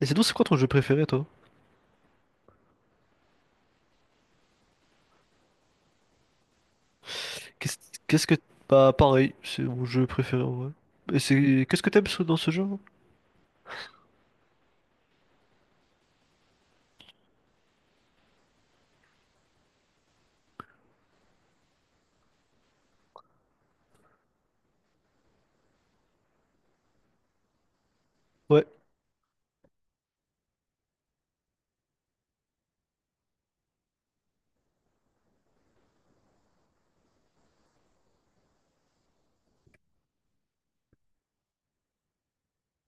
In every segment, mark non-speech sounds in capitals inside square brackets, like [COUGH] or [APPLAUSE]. Et sinon, c'est quoi ton jeu préféré, toi? Qu'est-ce qu'est-ce que... Bah, pareil, c'est mon jeu préféré, en vrai. Qu'est-ce que t'aimes dans ce jeu? Ouais,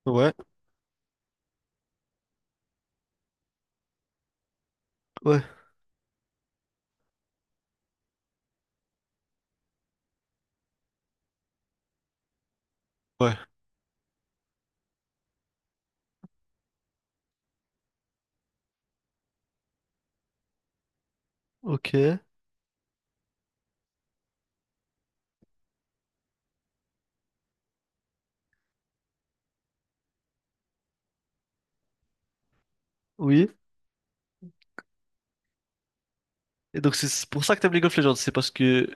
ouais, ouais, ouais, ok, oui. Et donc, c'est pour ça que t'aimes League of Legends, c'est parce que...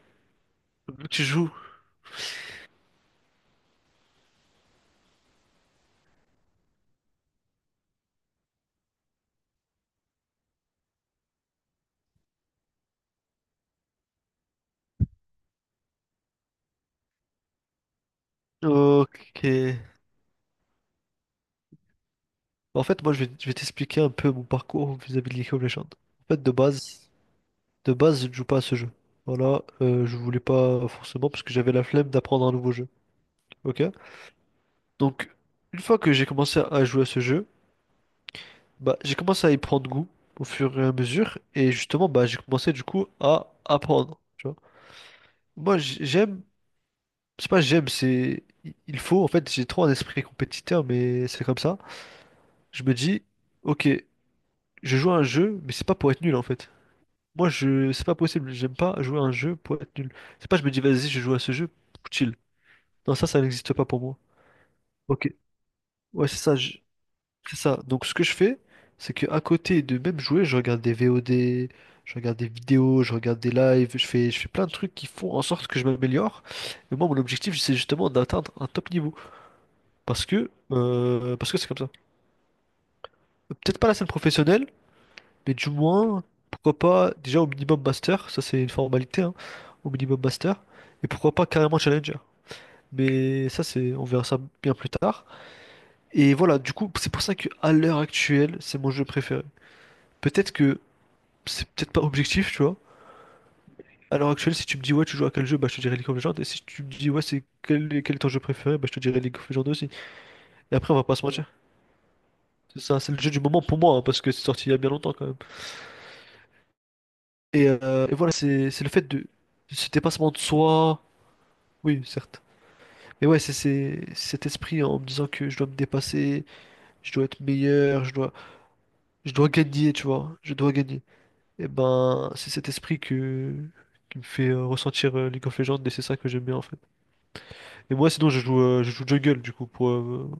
vu que tu joues... Ok. En fait, moi, je vais t'expliquer un peu mon parcours vis-à-vis de League of Legends. En fait, de base, je ne joue pas à ce jeu. Voilà, je voulais pas forcément parce que j'avais la flemme d'apprendre un nouveau jeu. Ok? Donc, une fois que j'ai commencé à jouer à ce jeu, bah, j'ai commencé à y prendre goût au fur et à mesure, et justement, bah, j'ai commencé du coup à apprendre, tu vois. Moi, j- j'aime, c'est pas j'aime, c'est il faut, en fait, j'ai trop un esprit compétiteur, mais c'est comme ça. Je me dis, ok, je joue à un jeu, mais c'est pas pour être nul en fait. C'est pas possible, j'aime pas jouer à un jeu pour être nul. C'est pas, je me dis, vas-y, je joue à ce jeu, chill. Non, ça n'existe pas pour moi. Ok, ouais, c'est ça. Donc ce que je fais, c'est que à côté de même jouer, je regarde des VOD, je regarde des vidéos, je regarde des lives, je fais plein de trucs qui font en sorte que je m'améliore. Mais moi, mon objectif, c'est justement d'atteindre un top niveau. Parce que c'est comme ça. Peut-être pas la scène professionnelle, mais du moins, pourquoi pas déjà au minimum master, ça c'est une formalité, hein, au minimum master, et pourquoi pas carrément challenger. Mais ça, c'est, on verra ça bien plus tard. Et voilà, du coup, c'est pour ça que à l'heure actuelle, c'est mon jeu préféré. Peut-être que c'est peut-être pas objectif, tu vois. À l'heure actuelle, si tu me dis ouais, tu joues à quel jeu, bah je te dirai League of Legends. Et si tu me dis ouais, quel est ton jeu préféré, bah je te dirai League of Legends aussi. Et après, on va pas se mentir. C'est ça, c'est le jeu du moment pour moi, hein, parce que c'est sorti il y a bien longtemps quand même. Et voilà, c'est le fait de ce dépassement de soi. Oui, certes. Mais ouais, c'est cet esprit en me disant que je dois me dépasser, je dois être meilleur, je dois, je dois gagner, tu vois. Je dois gagner. Et ben, c'est cet esprit que, qui me fait ressentir League of Legends et c'est ça que j'aime bien en fait. Et moi, sinon, je joue jungle, du coup, pour... euh,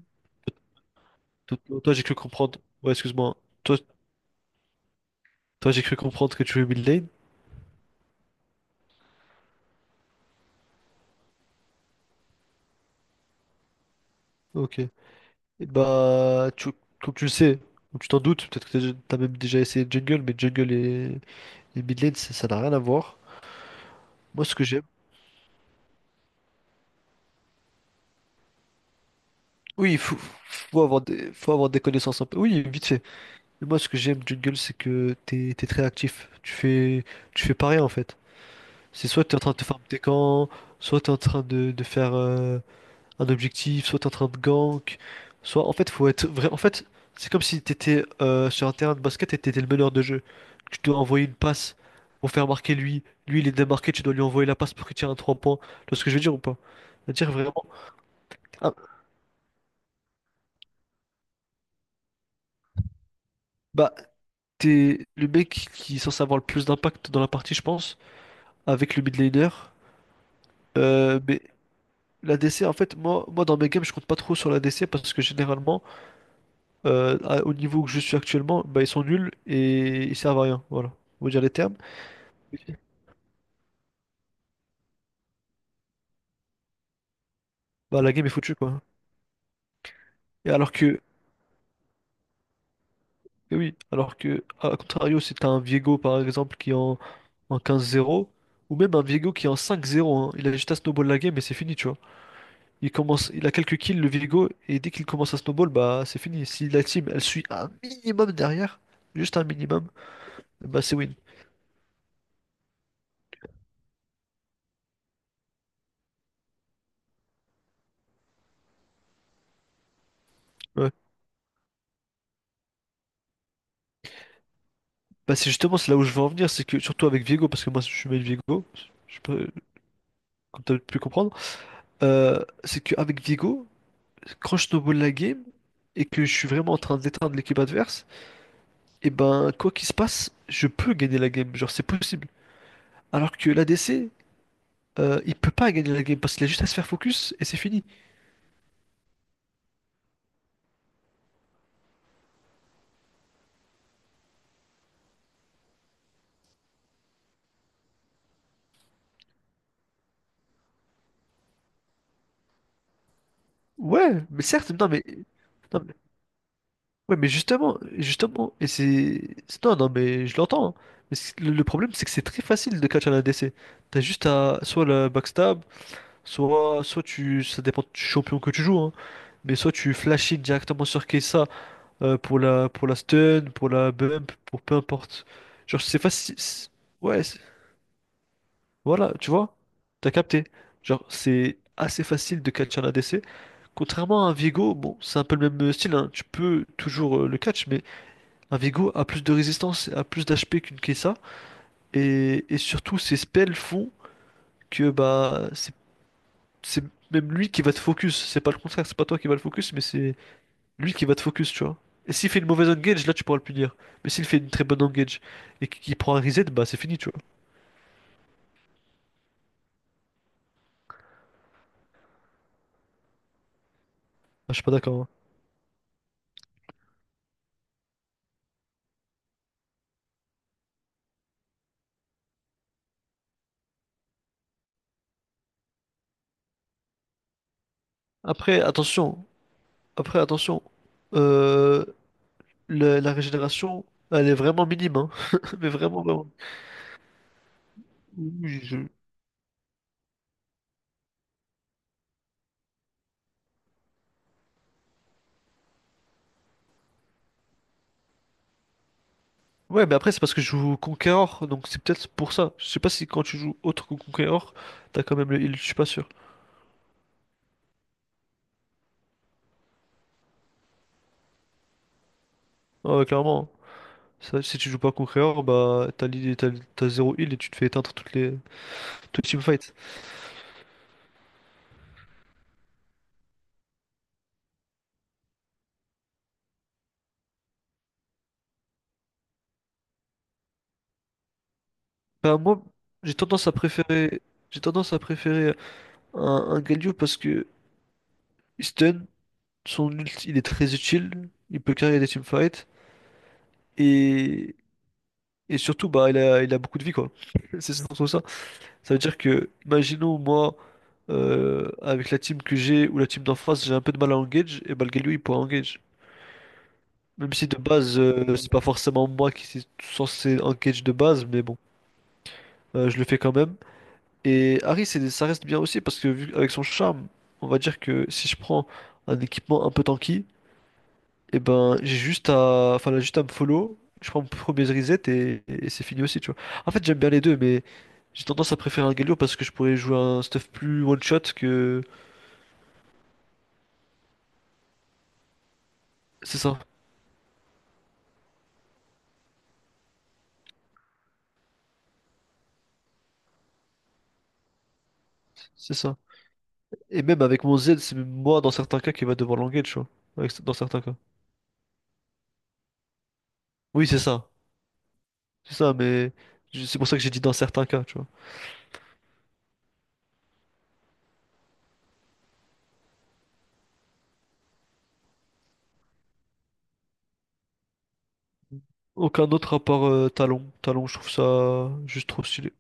to- Toi, j'ai cru comprendre... Ouais, excuse-moi. Toi, toi j'ai cru comprendre que tu jouais mid lane. Ok. Et bah, tu... comme tu le sais, ou tu t'en doutes, peut-être que t'as même déjà essayé jungle, mais et mid lane, ça n'a rien à voir. Moi, ce que j'aime... Oui, faut avoir des connaissances un peu. Oui, vite fait. Mais moi, ce que j'aime jungle, c'est que t'es très actif. Tu fais pas rien, en fait. C'est soit t'es en train de te farm tes camps, soit t'es en train de, de faire un objectif, soit t'es en train de gank, soit en fait faut être vrai. En fait, c'est comme si t'étais sur un terrain de basket et t'étais le meneur de jeu. Tu dois envoyer une passe pour faire marquer lui. Lui il est démarqué, tu dois lui envoyer la passe pour qu'il tire un 3 points. Tu vois ce que je veux dire ou pas? C'est-à-dire vraiment. Ah, bah t'es le mec qui est censé avoir le plus d'impact dans la partie, je pense, avec le mid laner. Mais l'ADC, en fait, moi dans mes games, je compte pas trop sur la l'ADC parce que généralement. Au niveau que je suis actuellement, bah, ils sont nuls et ils servent à rien. Voilà. On va dire les termes. Ok. Bah, la game est foutue, quoi. Et alors que, et oui, alors que, à contrario, si t'as un Viego, par exemple, en 15-0, ou même un Viego qui est en 5-0, hein, il a juste à snowball la game et c'est fini, tu vois. Il commence, il a quelques kills, le Viego, et dès qu'il commence à snowball, bah, c'est fini. Si la team, elle suit un minimum derrière, juste un minimum, bah, c'est win. Ouais. Bah, c'est justement, c'est là où je veux en venir, c'est que, surtout avec Viego, parce que moi, je suis main Viego, comme tu as pu comprendre, c'est qu'avec Viego, quand je snowball la game et que je suis vraiment en train d'éteindre l'équipe adverse, et ben quoi qu'il se passe, je peux gagner la game, genre c'est possible. Alors que l'ADC, il peut pas gagner la game parce qu'il a juste à se faire focus et c'est fini. Ouais, mais certes, non mais, non, mais- ouais mais justement, justement, non non mais je l'entends, hein. Mais le problème, c'est que c'est très facile de catch un ADC. T'as juste à soit le backstab, soit, ça dépend du champion que tu joues, hein. Mais soit tu flashes directement sur Kessa pour pour la stun, pour la bump, pour peu importe. Genre, c'est facile. c'est- Ouais, voilà, tu vois, t'as capté. Genre, c'est assez facile de catch un ADC. Contrairement à un Viego, bon, c'est un peu le même style, hein. Tu peux toujours le catch, mais un Viego a plus de résistance, a plus d'HP qu'une Kessa. Et surtout, ses spells font que bah, c'est même lui qui va te focus. C'est pas le contraire, c'est pas toi qui va le focus, mais c'est. Lui qui va te focus, tu vois. Et s'il fait une mauvaise engage, là tu pourras le punir. Mais s'il fait une très bonne engage et qu'il prend un reset, bah c'est fini, tu vois. Ah, je suis pas d'accord, hein. Après, attention. Après, attention. Euh, la régénération, elle est vraiment minime, hein. [LAUGHS] Mais vraiment, vraiment. Oui, je- Ouais, mais après, c'est parce que je joue Conqueror, donc c'est peut-être pour ça. Je sais pas si quand tu joues autre que Conqueror, t'as quand même le heal, je suis pas sûr. Ah ouais, clairement, hein. Ça, si tu joues pas Conqueror, bah t'as zéro heal et tu te fais éteindre toutes les teamfights. Bah, moi, j'ai tendance à préférer, j'ai tendance à préférer un Galio parce que Stun, son ult, il est très utile, il peut carrer des teamfights et, et surtout, il a beaucoup de vie, quoi. [LAUGHS] C'est surtout ça. Ça veut dire que, imaginons, moi, avec la team que j'ai ou la team d'en face, j'ai un peu de mal à engage, et bah, le Galio, il pourra engage. Même si de base, c'est pas forcément moi qui suis censé engage de base, mais bon, je le fais quand même. Et Harry, ça reste bien aussi parce que vu avec son charme, on va dire que si je prends un équipement un peu tanky, et ben j'ai juste à, enfin là, juste à me follow, je prends mon premier reset et c'est fini aussi, tu vois. En fait, j'aime bien les deux, mais j'ai tendance à préférer un Galio parce que je pourrais jouer un stuff plus one shot c'est ça, c'est ça. Et même avec mon Z, c'est même moi dans certains cas qui va devoir languer, tu vois. Dans certains cas. Oui, c'est ça, mais c'est pour ça que j'ai dit dans certains cas, tu vois. Aucun autre à part Talon. Talon, je trouve ça juste trop stylé.